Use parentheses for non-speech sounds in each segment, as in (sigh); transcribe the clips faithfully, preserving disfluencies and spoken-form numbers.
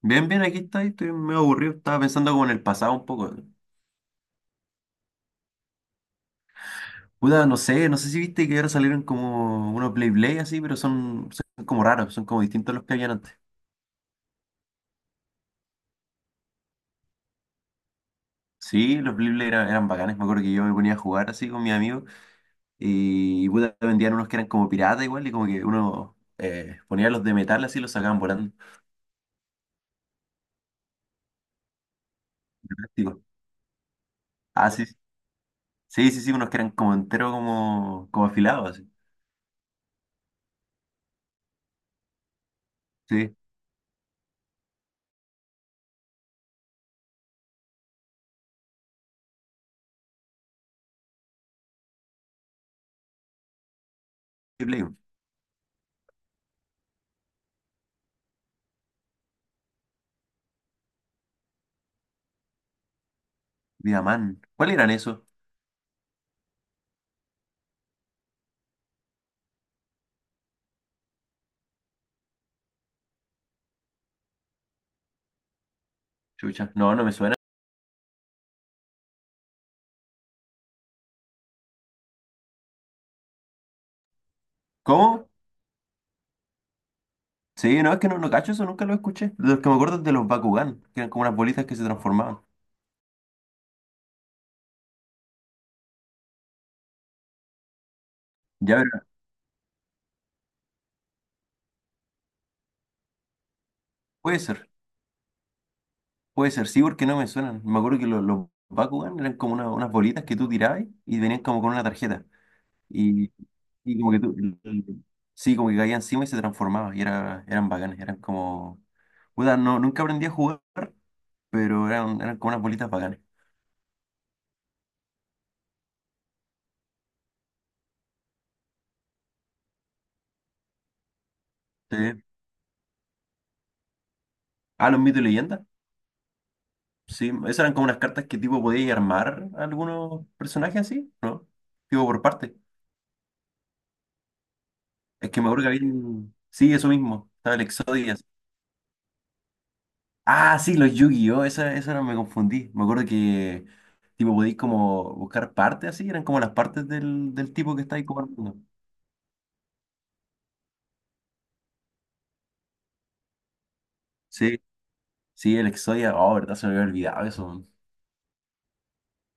Bien, bien, aquí estoy, estoy medio aburrido, estaba pensando como en el pasado un poco. Puta, no sé, no sé si viste que ahora salieron como unos Blade Blade así, pero son, son como raros, son como distintos a los que habían antes. Sí, los Blade Blade eran, eran bacanes, me acuerdo que yo me ponía a jugar así con mis amigos y puta, vendían unos que eran como piratas igual y como que uno eh, ponía los de metal así y los sacaban volando. De ah, sí, sí, sí, sí, unos que eran como entero como, como afilados así. Sí, Blade Blade, Vida man. ¿Cuáles eran esos? Chucha, no, no me suena. ¿Cómo? Sí, no, es que no, no cacho eso, nunca lo escuché. Los que me acuerdo es de los Bakugan, que eran como unas bolitas que se transformaban. Ya, pero puede ser, puede ser, sí, porque no me suenan. Me acuerdo que los, los Bakugan eran como una- unas bolitas que tú tirabas y venían como con una tarjeta. Y, y como que tú, el- el- sí, como que caía encima y se transformaba. Y era, eran bacanes, eran como… Puta, no, nunca aprendí a jugar, pero eran, eran como unas bolitas bacanes. Sí. Ah, los mitos y leyendas. Sí, esas eran como unas cartas que tipo podías armar a algunos personajes así, ¿no? Tipo por parte. Es que me acuerdo que había… Sí, eso mismo. Estaba el Exodias. Ah, sí, los Yu-Gi-Oh! Esa, esa no me confundí. Me acuerdo que, tipo, podéis como buscar partes así. Eran como las partes del, del tipo que está ahí como armando. Sí, sí, el exodia. Oh, verdad, se me había olvidado eso, man.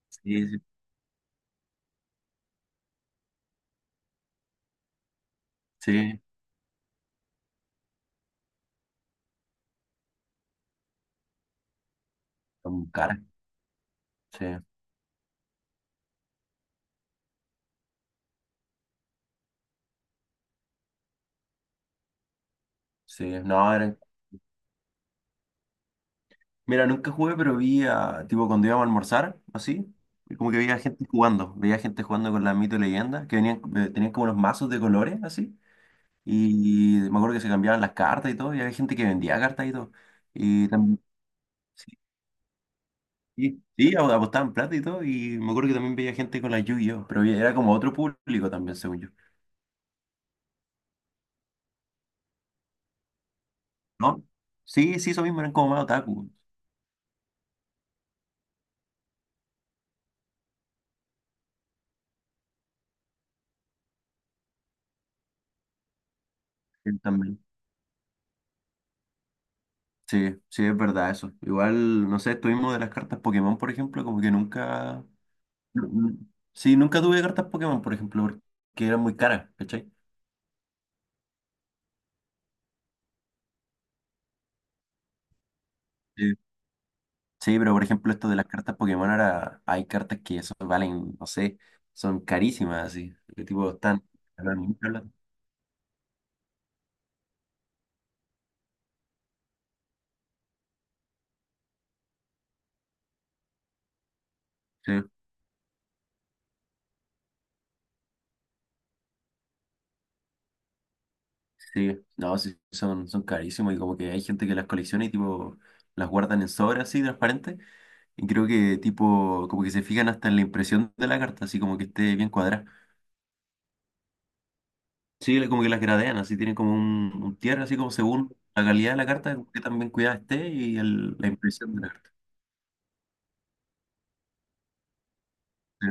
Sí, sí, sí. Son caras. Sí, sí. No, eran… Mira, nunca jugué, pero vi a, tipo, cuando íbamos a almorzar, así. Como que veía gente jugando. Veía gente jugando con la mito y leyenda. Que venían, eh, tenían como los mazos de colores, así. Y me acuerdo que se cambiaban las cartas y todo, y había gente que vendía cartas y todo. Y también, sí, sí, sí, ap- apostaban plata y todo, y me acuerdo que también veía gente con la Yu-Gi-Oh, pero era como otro público también, según yo. ¿No? Sí, sí, eso mismo, eran como más otaku. Sí, también. Sí, sí, es verdad eso. Igual, no sé, estuvimos de las cartas Pokémon, por ejemplo, como que nunca… nu- nu- Sí, nunca tuve cartas Pokémon, por ejemplo, porque eran muy caras, ¿cachai? Sí, pero por ejemplo, esto de las cartas Pokémon, ahora hay cartas que eso valen, no sé, son carísimas, así. Que tipo están… ganan mucha plata. Sí, sí. No, sí, son, son carísimas y como que hay gente que las colecciona y tipo las guardan en sobras así, transparentes. Y creo que tipo, como que se fijan hasta en la impresión de la carta, así como que esté bien cuadrada. Sí, le- como que las gradean, así tienen como un, un tierra, así como según la calidad de la carta, como que también cuidada esté y el- la impresión de la carta. Sí.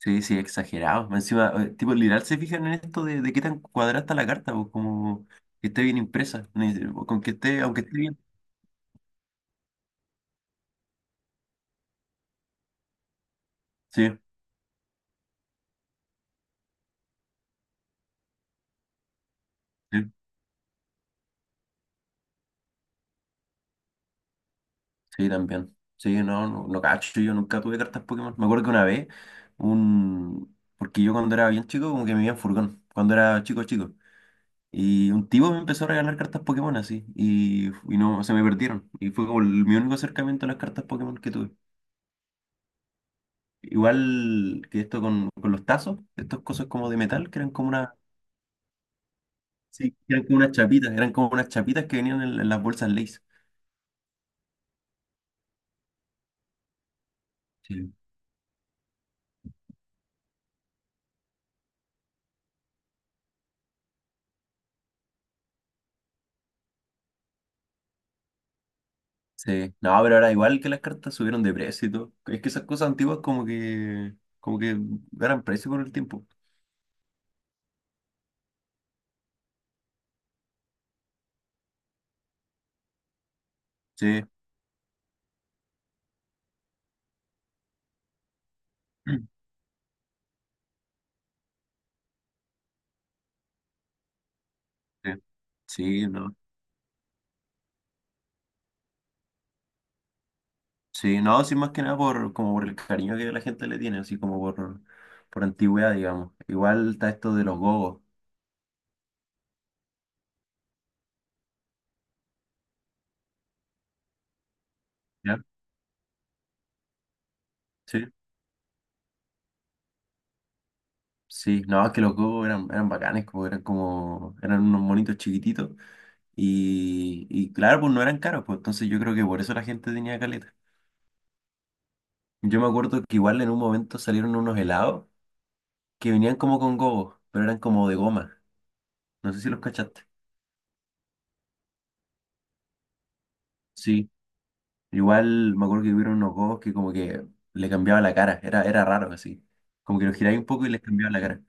Sí, sí, exagerado. Más encima, eh, tipo, literal se fijan en esto de, de qué tan cuadrada está la carta, pues como que esté bien impresa, ni- con que esté, aunque esté bien. Sí, sí, sí, también. Sí, no, no, no cacho, yo nunca tuve cartas Pokémon. Me acuerdo que una vez, un… porque yo cuando era bien chico, como que me iba en furgón, cuando era chico, chico. Y un tipo me empezó a regalar cartas Pokémon así, y, y no, se me perdieron. Y fue como el- mi único acercamiento a las cartas Pokémon que tuve. Igual que esto con, con los tazos, estos cosas como de metal, que eran como una… Sí, eran como unas chapitas, eran como unas chapitas que venían en, en las bolsas Lay's. Sí. Sí. No, pero ahora igual que las cartas subieron de precio y todo. Es que esas cosas antiguas como que, como que ganan precio con el tiempo. Sí. (clears throat) Sí, sí, no. Sí, no, sí, más que nada por, como por el cariño que la gente le tiene, así como por, por antigüedad, digamos. Igual está esto de los gogos. ¿Ya? Sí. Sí, no, es que los gogos eran, eran bacanes, como eran como, eran unos monitos chiquititos. Y, y claro, pues no eran caros, pues entonces yo creo que por eso la gente tenía caleta. Yo me acuerdo que igual en un momento salieron unos helados que venían como con gogos, pero eran como de goma. No sé si los cachaste. Sí. Igual me acuerdo que hubieron unos gogos que como que le cambiaba la cara, era, era raro así. Como que los giráis un poco y les cambiaba la cara.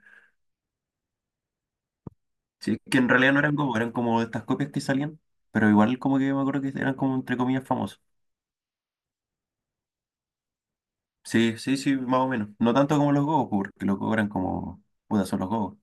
Sí, que en realidad no eran gogos, eran como estas copias que salían, pero igual como que me acuerdo que eran como entre comillas famosos. Sí, sí, sí, más o menos. No tanto como los gogos, porque los gogos eran como, puta, son los gogos.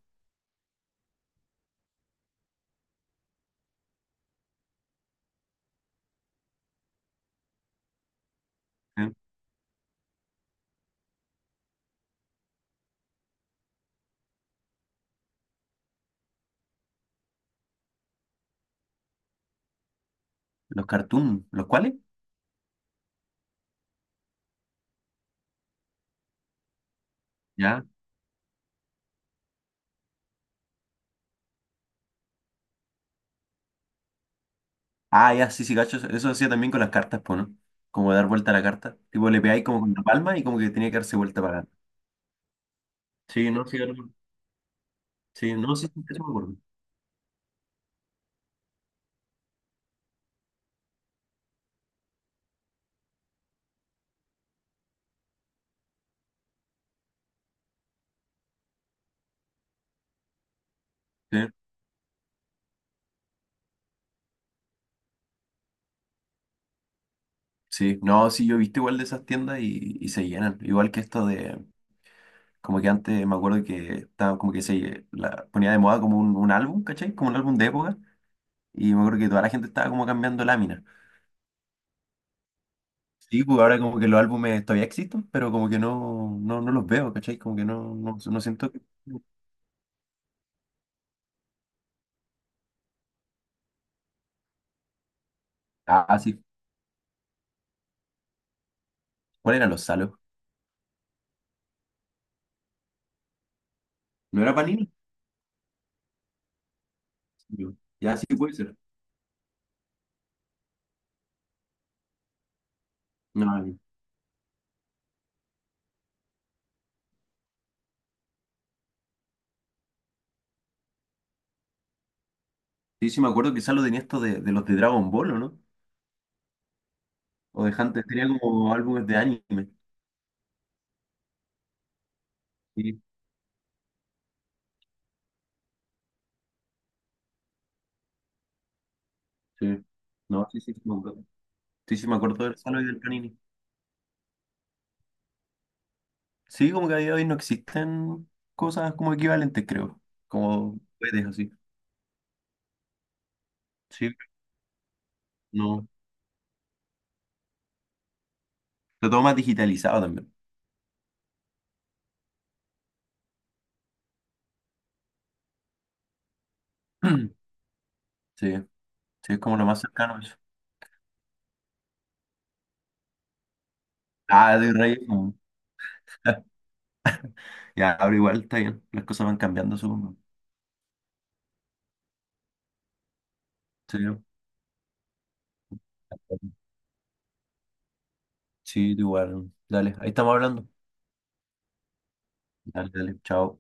Los cartoons, ¿los cuales? Ya. Ah, ya, sí, sí, gachos. Eso hacía también con las cartas, pues, ¿no? Como dar vuelta a la carta. Tipo, le pegáis como con la palma y como que tenía que darse vuelta para adelante. Sí, no, sí, claro. Sí, no, sí, sí, eso me acuerdo. Sí, sí, no, sí, yo he visto igual de esas tiendas y, y se llenan. Igual que esto de, como que antes me acuerdo que estaba como que se la, ponía de moda como un, un álbum, ¿cachai? Como un álbum de época. Y me acuerdo que toda la gente estaba como cambiando láminas. Sí, pues ahora como que los álbumes todavía existen, pero como que no, no, no los veo, ¿cachai? Como que no, no, no siento que… Ah, sí. ¿Cuál era los Salos? ¿No era Panini? Sí. Ya, sí puede ser. No, no, sí, sí, me acuerdo que Salo tenía esto de, de los de Dragon Ball, ¿o no? O de Hunter, tenía como álbumes de anime. Sí, sí. No, sí, sí, sí, me acuerdo. Sí, sí, me acuerdo del Salo y del Panini. Sí, como que a día de hoy no existen cosas como equivalentes, creo. Como juguetes así. Sí, no. Pero todo más digitalizado también. (clears throat) Sí, sí, es como lo más cercano a eso. Ah, de Reyes. No. (laughs) Ya, ahora igual está bien. Las cosas van cambiando, supongo. Sí. Sí, tú igual. Dale, ahí estamos hablando. Dale, dale, chao.